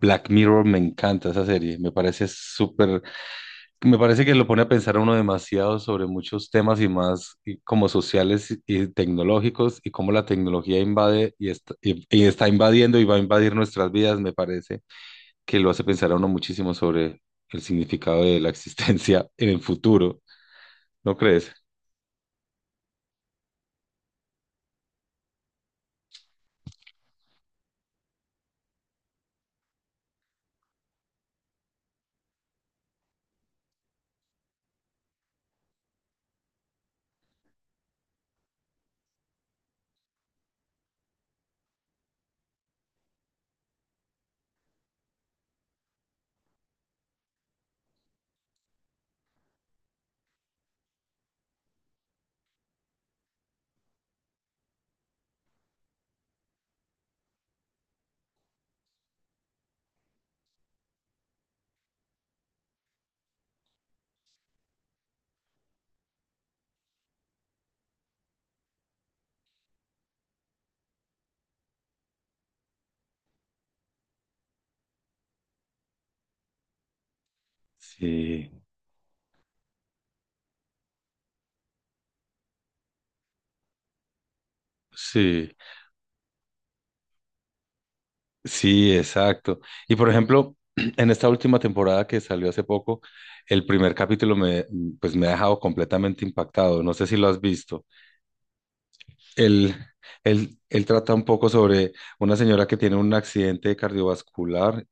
Black Mirror me encanta esa serie, me parece súper, me parece que lo pone a pensar a uno demasiado sobre muchos temas y más y como sociales y tecnológicos y cómo la tecnología invade y está, y está invadiendo y va a invadir nuestras vidas, me parece que lo hace pensar a uno muchísimo sobre el significado de la existencia en el futuro, ¿no crees? Sí, sí. Sí, exacto. Y por ejemplo, en esta última temporada que salió hace poco, el primer capítulo pues me ha dejado completamente impactado. No sé si lo has visto. Él, él trata un poco sobre una señora que tiene un accidente cardiovascular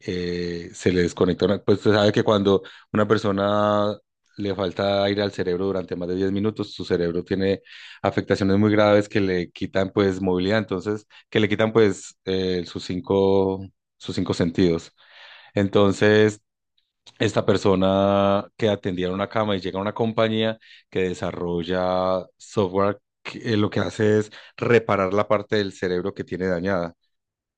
se le desconecta pues usted sabe que cuando una persona le falta aire al cerebro durante más de 10 minutos, su cerebro tiene afectaciones muy graves que le quitan pues movilidad, entonces, que le quitan pues sus cinco sentidos. Entonces, esta persona que atendía en una cama y llega a una compañía que desarrolla software, lo que hace es reparar la parte del cerebro que tiene dañada.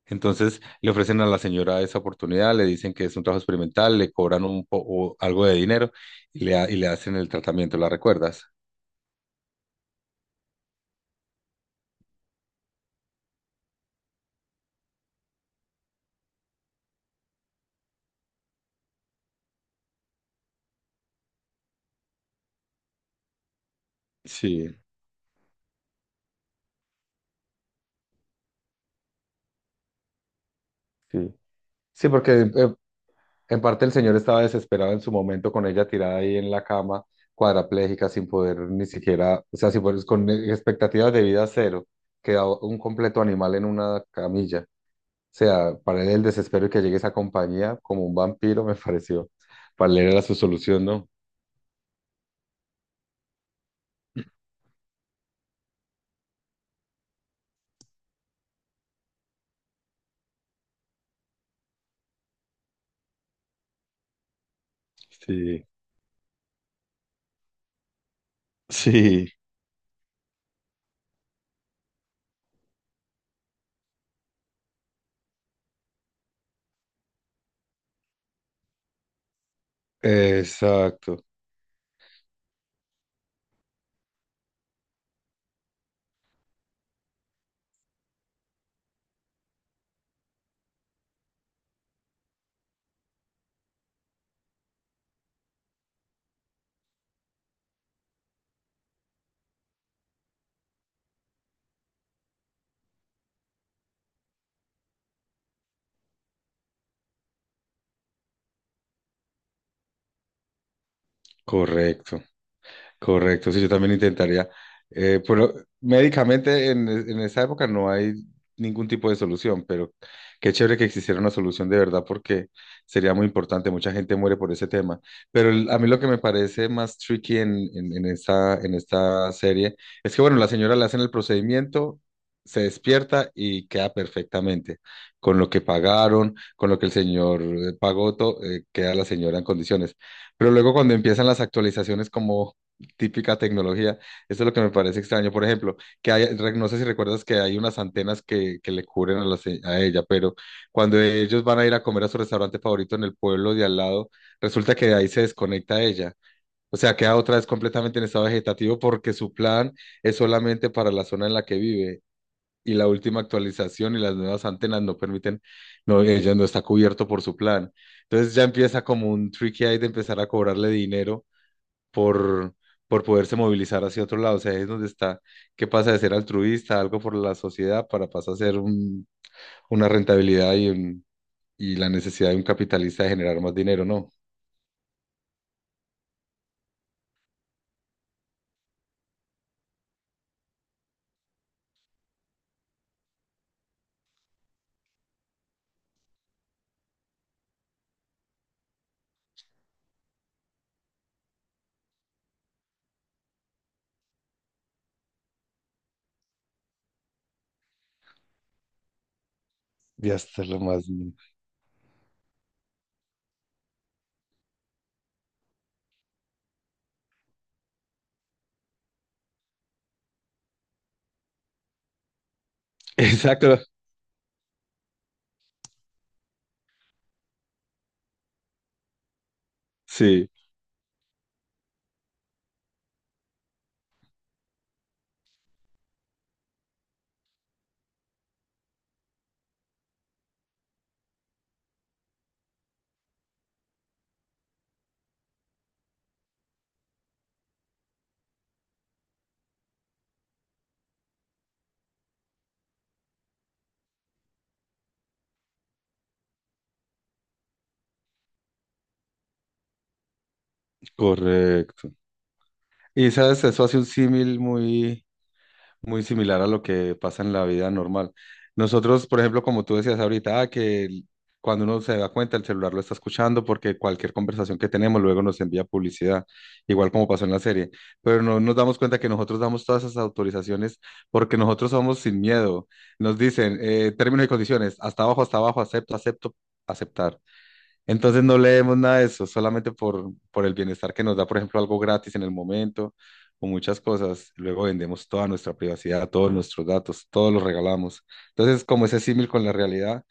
Entonces le ofrecen a la señora esa oportunidad, le dicen que es un trabajo experimental, le cobran un poco algo de dinero y y le hacen el tratamiento, ¿la recuerdas? Sí, sí. Sí, porque en parte el señor estaba desesperado en su momento con ella tirada ahí en la cama, cuadraplégica, sin poder ni siquiera, o sea, sin poder- con expectativas de vida cero, quedaba un completo animal en una camilla. O sea, para él el desespero y que llegue esa compañía como un vampiro me pareció. Para él era su solución, ¿no? Sí, sí. Exacto, correcto. Correcto, sí, yo también intentaría. Pero médicamente en esa época no hay ningún tipo de solución, pero qué chévere que existiera una solución de verdad porque sería muy importante. Mucha gente muere por ese tema. Pero a mí lo que me parece más tricky en esta serie es que, bueno, la señora le hacen el procedimiento, se despierta y queda perfectamente. Con lo que pagaron, con lo que el señor pagó, queda la señora en condiciones. Pero luego cuando empiezan las actualizaciones como típica tecnología. Eso es lo que me parece extraño. Por ejemplo, que no sé si recuerdas que hay unas antenas que le cubren a, a ella, pero cuando ellos van a ir a comer a su restaurante favorito en el pueblo de al lado, resulta que de ahí se desconecta ella. O sea, queda otra vez completamente en estado vegetativo porque su plan es solamente para la zona en la que vive. Y la última actualización y las nuevas antenas no permiten, no, ella no está cubierto por su plan. Entonces ya empieza como un tricky ahí de empezar a cobrarle dinero por, por poderse movilizar hacia otro lado. O sea, ahí es donde está, que pasa de ser altruista, algo por la sociedad, para pasar a ser una rentabilidad y la necesidad de un capitalista de generar más dinero, ¿no? Y hasta lo más. Exacto. Sí, correcto. Y sabes, eso hace un símil muy similar a lo que pasa en la vida normal. Nosotros, por ejemplo, como tú decías ahorita, ah, que cuando uno se da cuenta, el celular lo está escuchando porque cualquier conversación que tenemos luego nos envía publicidad, igual como pasó en la serie. Pero no nos damos cuenta que nosotros damos todas esas autorizaciones porque nosotros somos sin miedo. Nos dicen términos y condiciones, hasta abajo, acepto, acepto, aceptar. Entonces no leemos nada de eso, solamente por el bienestar que nos da, por ejemplo, algo gratis en el momento o muchas cosas. Luego vendemos toda nuestra privacidad, todos nuestros datos, todos los regalamos. Entonces, como ese símil con la realidad,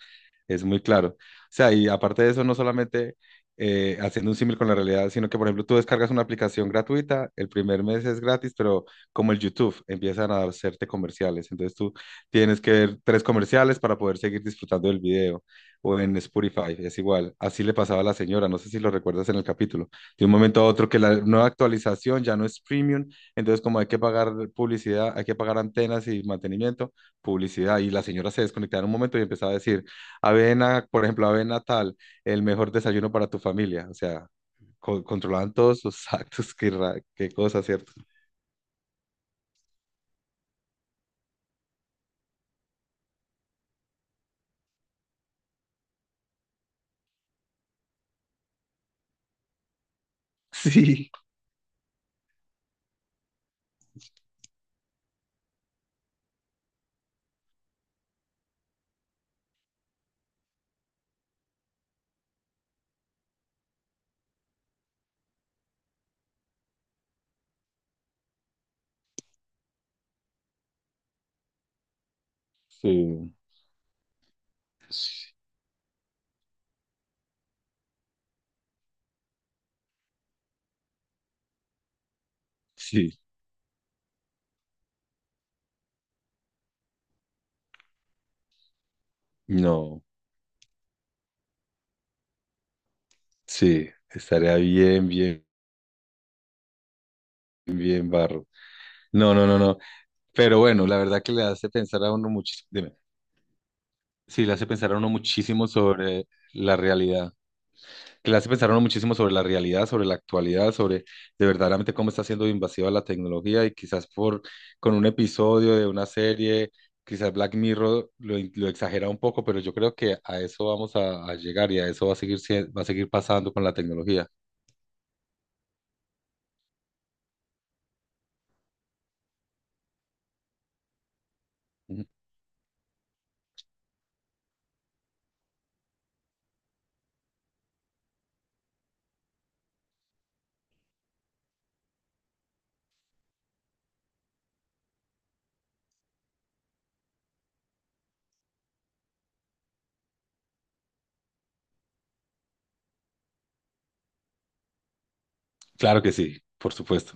es muy claro. O sea, y aparte de eso, no solamente haciendo un símil con la realidad, sino que, por ejemplo, tú descargas una aplicación gratuita, el primer mes es gratis, pero como el YouTube, empiezan a hacerte comerciales. Entonces tú tienes que ver tres comerciales para poder seguir disfrutando del video. O en Spotify, es igual. Así le pasaba a la señora, no sé si lo recuerdas en el capítulo. De un momento a otro que la nueva actualización ya no es premium, entonces como hay que pagar publicidad, hay que pagar antenas y mantenimiento, publicidad. Y la señora se desconectaba en un momento y empezaba a decir, avena, por ejemplo, avena tal, el mejor desayuno para tu familia. O sea, controlaban todos sus actos, qué, qué cosa, ¿cierto? Sí, sí, sí, no, sí, estaría bien, bien, bien barro. No, no, no, no. Pero bueno, la verdad que le hace pensar a uno muchísimo, dime, sí, le hace pensar a uno muchísimo sobre la realidad. Que le hace pensar a uno muchísimo sobre la realidad, sobre la actualidad, sobre de verdaderamente cómo está siendo invasiva la tecnología y quizás por con un episodio de una serie, quizás Black Mirror lo exagera un poco, pero yo creo que a eso a llegar y a eso va a seguir, va a seguir pasando con la tecnología. Ujú. Claro que sí, por supuesto.